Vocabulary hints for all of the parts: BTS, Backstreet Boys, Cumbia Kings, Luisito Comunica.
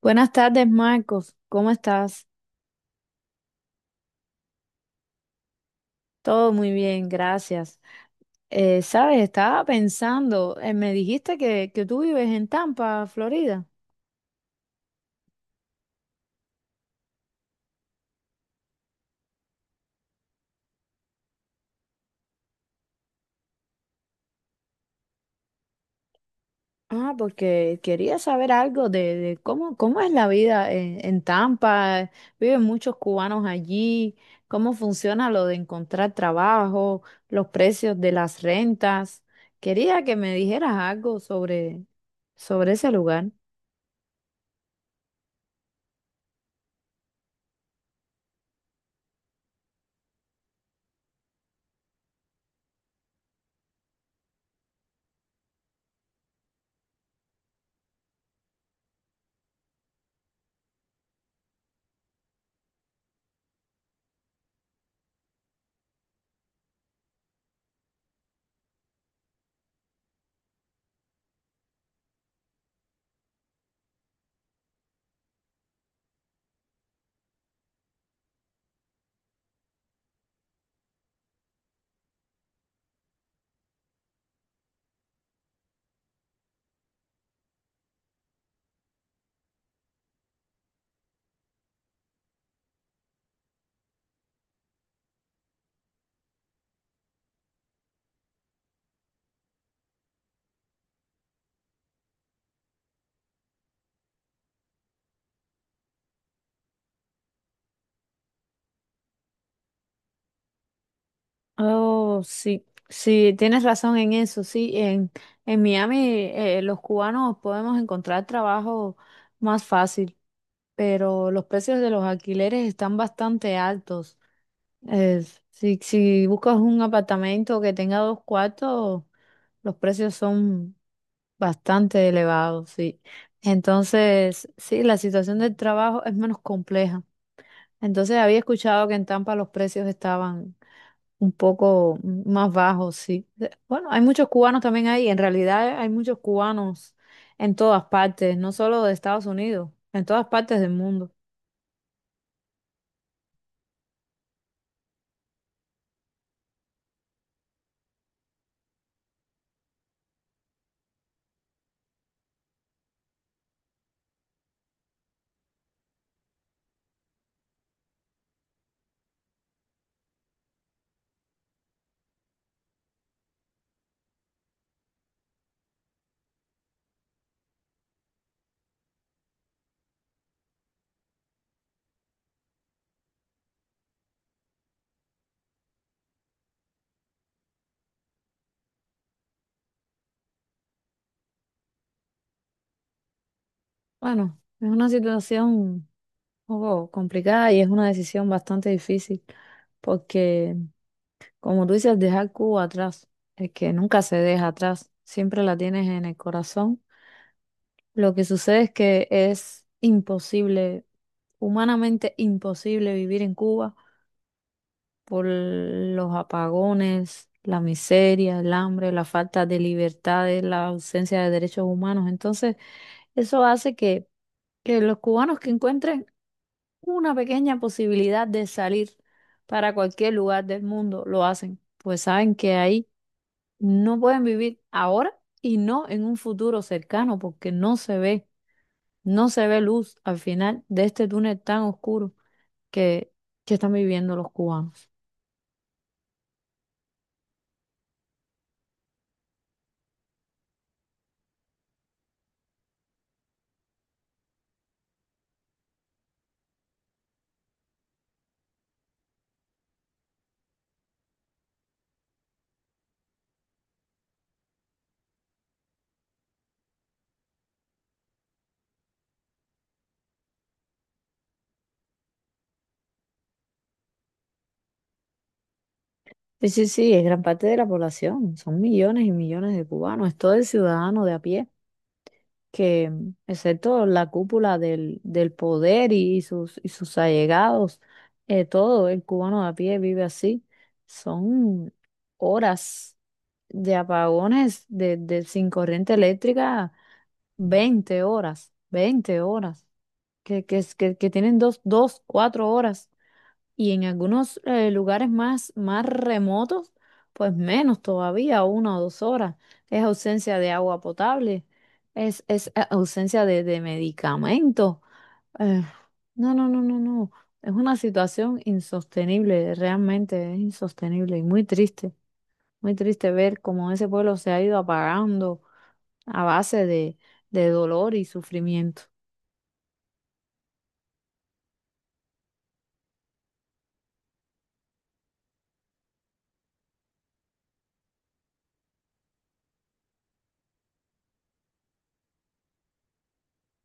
Buenas tardes, Marcos. ¿Cómo estás? Todo muy bien, gracias. Sabes, estaba pensando, me dijiste que tú vives en Tampa, Florida. Ah, porque quería saber algo de cómo, cómo es la vida en Tampa. Viven muchos cubanos allí. ¿Cómo funciona lo de encontrar trabajo, los precios de las rentas? Quería que me dijeras algo sobre ese lugar. Oh, sí, sí, tienes razón en eso, sí, en Miami los cubanos podemos encontrar trabajo más fácil, pero los precios de los alquileres están bastante altos. Es si buscas un apartamento que tenga dos cuartos, los precios son bastante elevados, sí. Entonces, sí, la situación del trabajo es menos compleja. Entonces, había escuchado que en Tampa los precios estaban un poco más bajo, sí. Bueno, hay muchos cubanos también ahí. En realidad hay muchos cubanos en todas partes, no solo de Estados Unidos, en todas partes del mundo. Bueno, es una situación un poco complicada y es una decisión bastante difícil, porque como tú dices, dejar Cuba atrás, es que nunca se deja atrás, siempre la tienes en el corazón. Lo que sucede es que es imposible, humanamente imposible vivir en Cuba por los apagones, la miseria, el hambre, la falta de libertades, la ausencia de derechos humanos. Entonces, eso hace que los cubanos que encuentren una pequeña posibilidad de salir para cualquier lugar del mundo, lo hacen, pues saben que ahí no pueden vivir ahora y no en un futuro cercano, porque no se ve, no se ve luz al final de este túnel tan oscuro que, que están viviendo los cubanos. Sí, sí, sí, es gran parte de la población, son millones y millones de cubanos, es todo el ciudadano de a pie, que mm, excepto la cúpula del poder y y sus allegados, todo el cubano de a pie vive así. Son horas de apagones de sin corriente eléctrica, 20 horas, 20 horas, que tienen dos, dos, 4 horas y en algunos lugares más, más remotos, pues menos todavía, una o dos horas. Es ausencia de agua potable, es ausencia de medicamentos. Eh, no, no, no, no, no. Es una situación insostenible, realmente es insostenible y muy triste ver cómo ese pueblo se ha ido apagando a base de dolor y sufrimiento.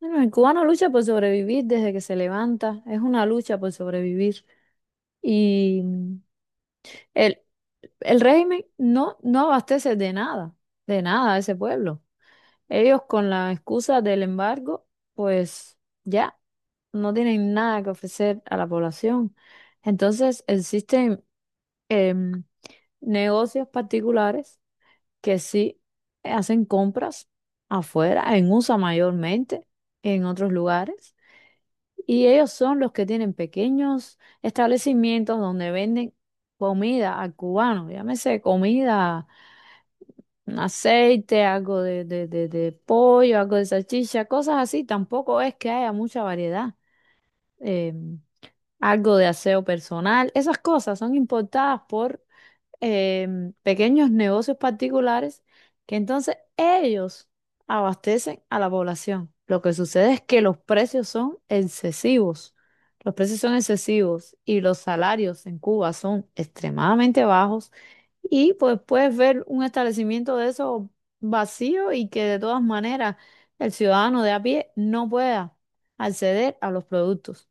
Bueno, el cubano lucha por sobrevivir desde que se levanta, es una lucha por sobrevivir. Y el, el régimen no abastece de nada a ese pueblo. Ellos con la excusa del embargo, pues ya no tienen nada que ofrecer a la población. Entonces existen em, negocios particulares que sí hacen compras afuera, en USA mayormente, en otros lugares. Y ellos son los que tienen pequeños establecimientos donde venden comida al cubano, llámese comida, un aceite, algo de pollo, algo de salchicha, cosas así. Tampoco es que haya mucha variedad. Eh, Algo de aseo personal, esas cosas son importadas por pequeños negocios particulares que entonces ellos abastecen a la población. Lo que sucede es que los precios son excesivos. Los precios son excesivos y los salarios en Cuba son extremadamente bajos. Y pues puedes ver un establecimiento de eso vacío y que de todas maneras el ciudadano de a pie no pueda acceder a los productos.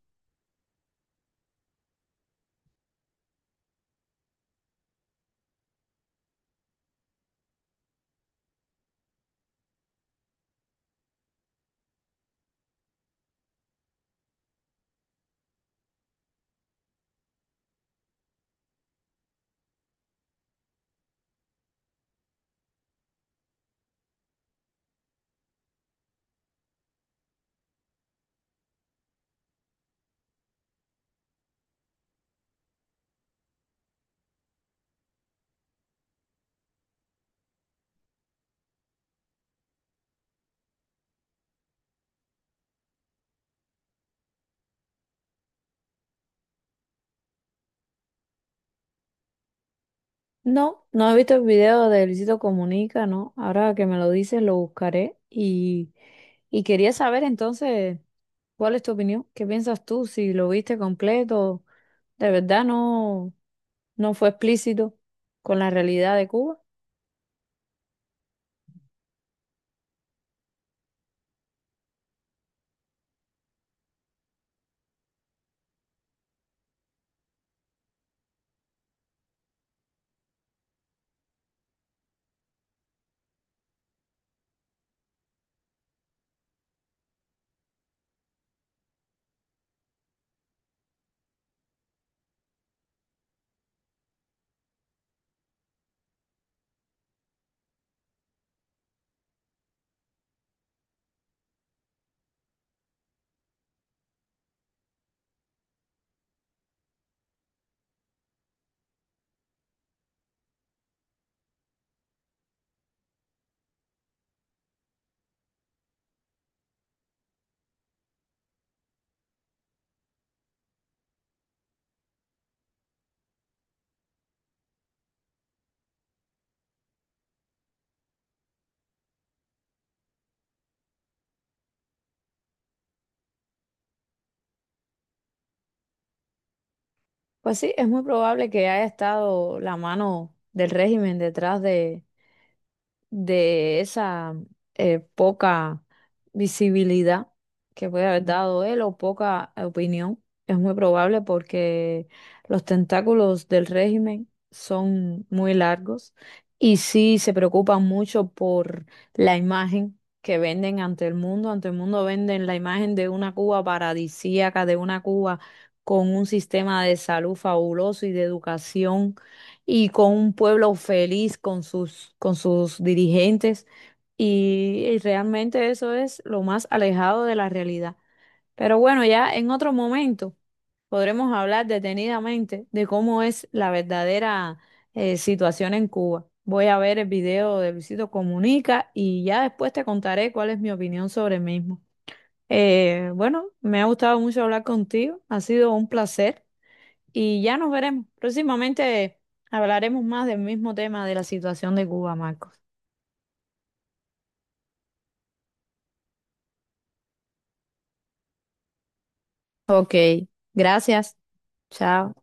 No, no he visto el video de Luisito Comunica, ¿no? Ahora que me lo dices, lo buscaré y quería saber entonces cuál es tu opinión, qué piensas tú, si lo viste completo, de verdad no, no fue explícito con la realidad de Cuba. Pues sí, es muy probable que haya estado la mano del régimen detrás de esa poca visibilidad que puede haber dado él o poca opinión. Es muy probable porque los tentáculos del régimen son muy largos y sí se preocupan mucho por la imagen que venden ante el mundo. Ante el mundo venden la imagen de una Cuba paradisíaca, de una Cuba con un sistema de salud fabuloso y de educación y con un pueblo feliz con sus dirigentes. Y realmente eso es lo más alejado de la realidad. Pero bueno, ya en otro momento podremos hablar detenidamente de cómo es la verdadera situación en Cuba. Voy a ver el video de Luisito Comunica y ya después te contaré cuál es mi opinión sobre el mismo. Bueno, me ha gustado mucho hablar contigo, ha sido un placer. Y ya nos veremos. Próximamente hablaremos más del mismo tema de la situación de Cuba, Marcos. Ok, gracias. Chao.